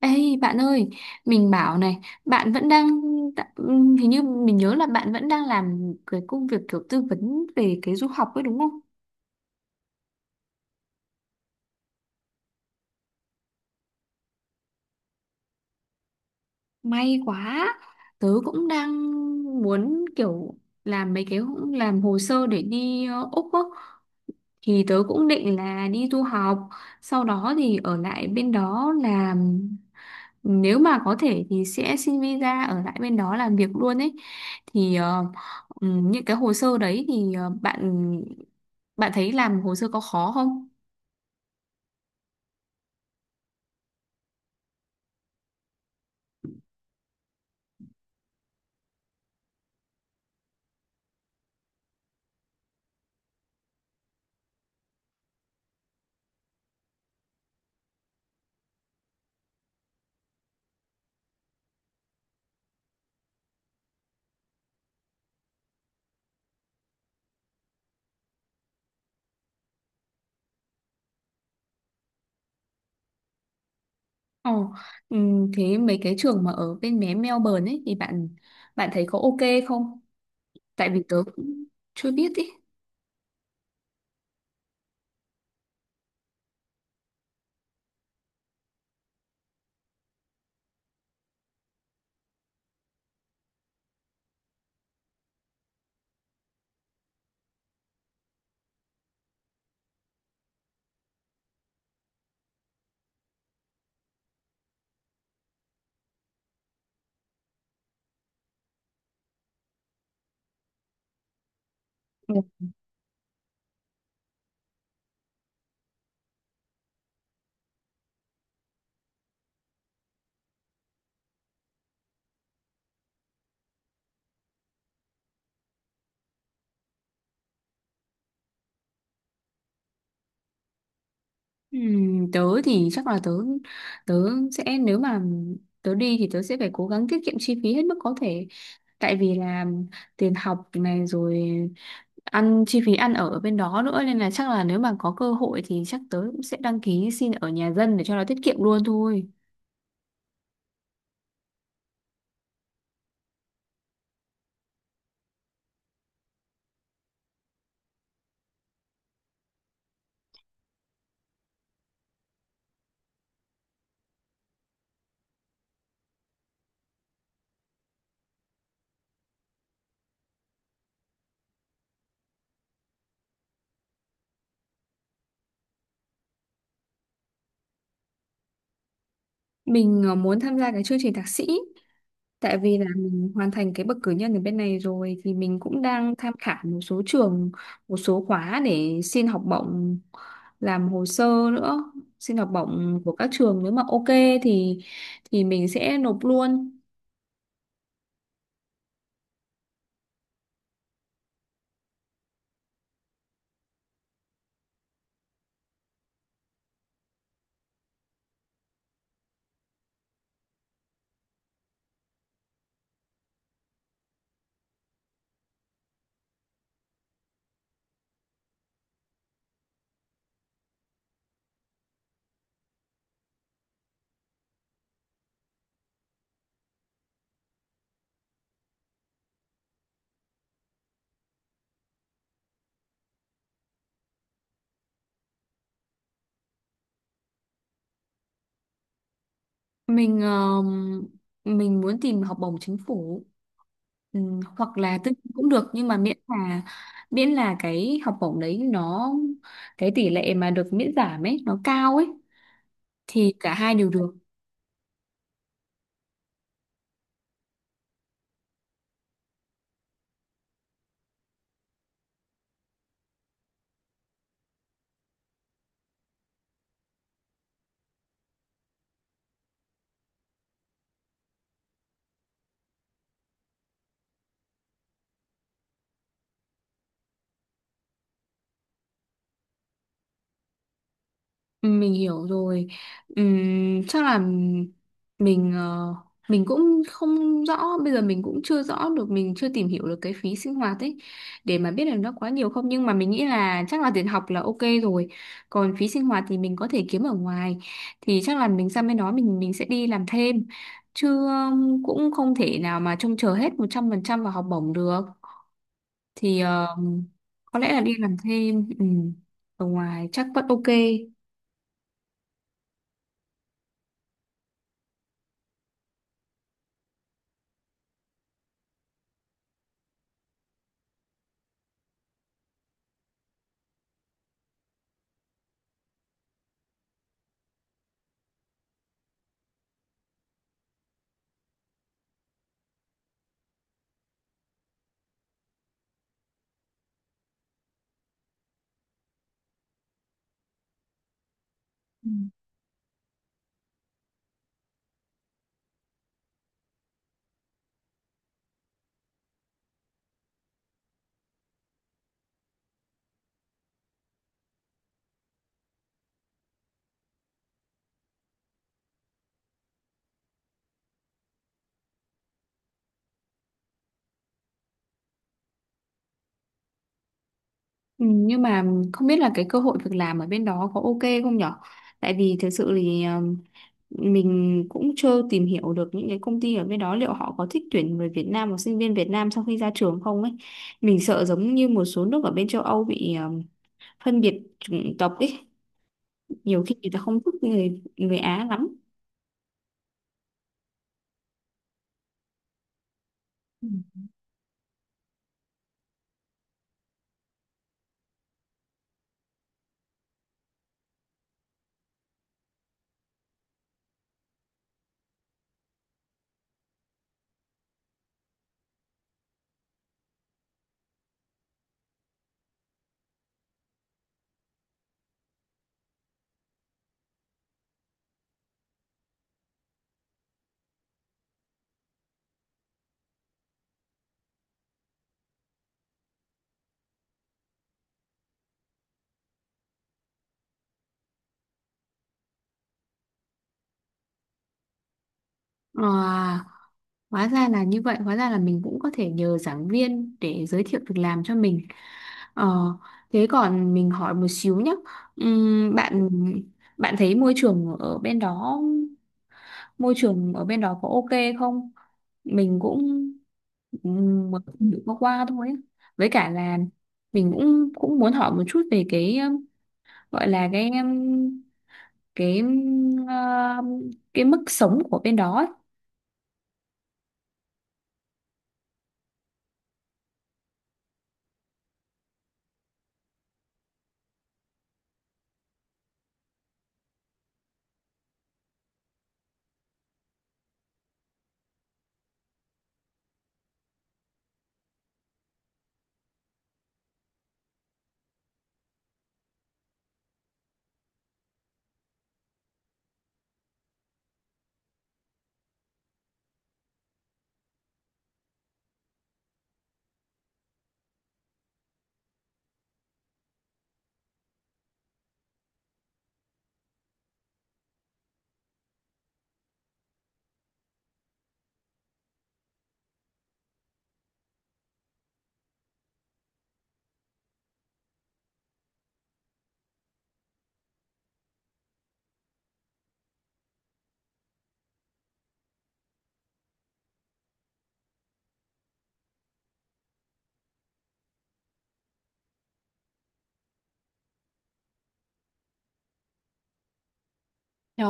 Ê bạn ơi, mình bảo này, bạn vẫn đang, hình như mình nhớ là bạn vẫn đang làm cái công việc kiểu tư vấn về cái du học ấy đúng không? May quá, tớ cũng đang muốn kiểu làm mấy cái làm hồ sơ để đi Úc á, thì tớ cũng định là đi du học, sau đó thì ở lại bên đó làm nếu mà có thể thì sẽ xin visa ở lại bên đó làm việc luôn ấy thì những cái hồ sơ đấy thì ờ, bạn bạn thấy làm hồ sơ có khó không? Ồ, thế mấy cái trường mà ở bên mé Melbourne ấy thì bạn bạn thấy có ok không? Tại vì tớ cũng chưa biết ý. Tớ thì chắc là tớ tớ sẽ nếu mà tớ đi thì tớ sẽ phải cố gắng tiết kiệm chi phí hết mức có thể tại vì là tiền học này rồi ăn chi phí ăn ở ở bên đó nữa nên là chắc là nếu mà có cơ hội thì chắc tớ cũng sẽ đăng ký xin ở nhà dân để cho nó tiết kiệm luôn thôi. Mình muốn tham gia cái chương trình thạc sĩ. Tại vì là mình hoàn thành cái bậc cử nhân ở bên này rồi thì mình cũng đang tham khảo một số trường, một số khóa để xin học bổng, làm hồ sơ nữa, xin học bổng của các trường nếu mà ok thì thì mình sẽ nộp luôn. Mình mình muốn tìm học bổng chính phủ, hoặc là tư nhân cũng được nhưng mà miễn là cái học bổng đấy nó cái tỷ lệ mà được miễn giảm ấy nó cao ấy thì cả hai đều được. Mình hiểu rồi. Chắc là mình ờ, mình cũng không rõ, bây giờ mình cũng chưa rõ được, mình chưa tìm hiểu được cái phí sinh hoạt ấy để mà biết được nó quá nhiều không, nhưng mà mình nghĩ là chắc là tiền học là ok rồi, còn phí sinh hoạt thì mình có thể kiếm ở ngoài thì chắc là mình sang bên đó mình sẽ đi làm thêm chứ cũng không thể nào mà trông chờ hết 100% vào học bổng được thì có lẽ là đi làm thêm, ở ngoài chắc vẫn ok. Ừ, nhưng mà không biết là cái cơ hội việc làm ở bên đó có ok không nhở? Tại vì thực sự thì mình cũng chưa tìm hiểu được những cái công ty ở bên đó liệu họ có thích tuyển người Việt Nam hoặc sinh viên Việt Nam sau khi ra trường không ấy. Mình sợ giống như một số nước ở bên châu Âu bị phân biệt chủng tộc ấy, nhiều khi người ta không thích người người Á lắm. Ừ. À, hóa ra là như vậy, hóa ra là mình cũng có thể nhờ giảng viên để giới thiệu việc làm cho mình. Ờ, thế còn mình hỏi một xíu nhé. Bạn bạn thấy môi trường ở bên đó, môi trường ở bên đó có ok không? Mình cũng mới được qua qua thôi á. Với cả là mình cũng cũng muốn hỏi một chút về cái gọi là cái ờ, cái mức sống của bên đó ấy. Ờ,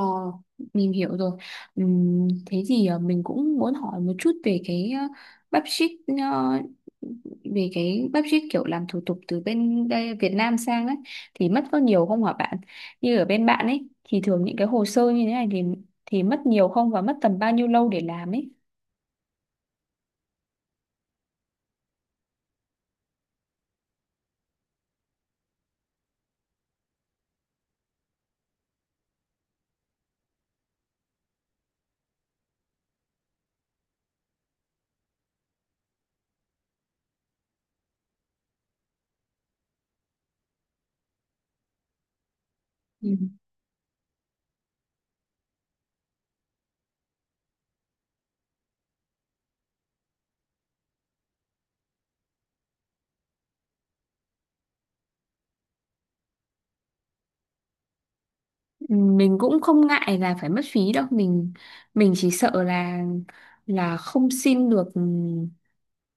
mình hiểu rồi. Thế thì mình cũng muốn hỏi một chút về cái bắp ship, ờ, về cái bắp ship kiểu làm thủ tục từ bên đây Việt Nam sang ấy thì mất có nhiều không hả bạn? Như ở bên bạn ấy thì thường những cái hồ sơ như thế này thì mất nhiều không và mất tầm bao nhiêu lâu để làm ấy? Ừ. Mình cũng không ngại là phải mất phí đâu, mình chỉ sợ là không xin được,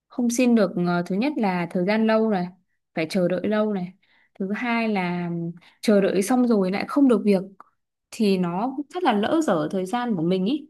không xin được, thứ nhất là thời gian lâu này, phải chờ đợi lâu này, thứ hai là chờ đợi xong rồi lại không được việc thì nó rất là lỡ dở thời gian của mình ý.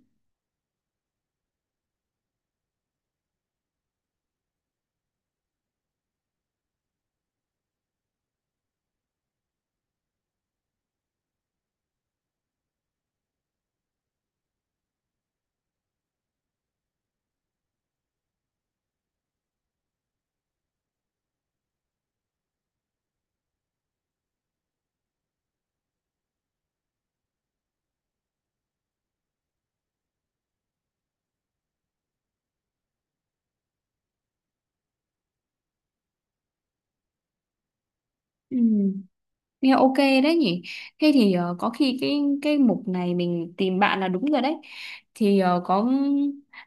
Ừ. Nghe ok đấy nhỉ. Thế thì có khi cái mục này mình tìm bạn là đúng rồi đấy. Thì có,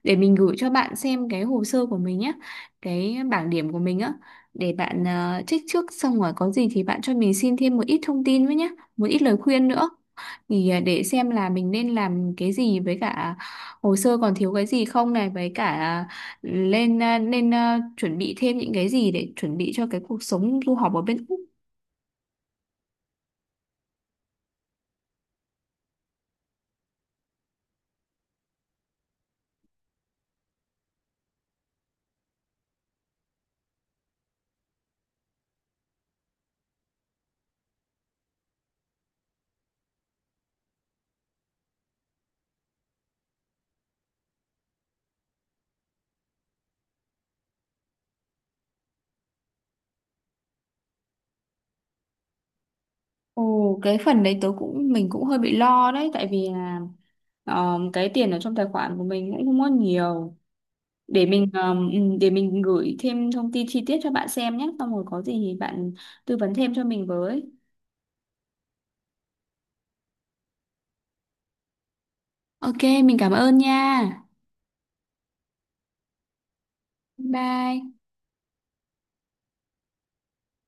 để mình gửi cho bạn xem cái hồ sơ của mình nhé, cái bảng điểm của mình á, để bạn check trước xong rồi có gì thì bạn cho mình xin thêm một ít thông tin với nhé, một ít lời khuyên nữa. Thì để xem là mình nên làm cái gì với cả hồ sơ còn thiếu cái gì không này với cả nên chuẩn bị thêm những cái gì để chuẩn bị cho cái cuộc sống du học ở bên Úc. Ồ, cái phần đấy tớ cũng mình cũng hơi bị lo đấy tại vì là cái tiền ở trong tài khoản của mình cũng không có nhiều để để mình gửi thêm thông tin chi tiết cho bạn xem nhé xong rồi có gì thì bạn tư vấn thêm cho mình với. Ok, mình cảm ơn nha. Bye.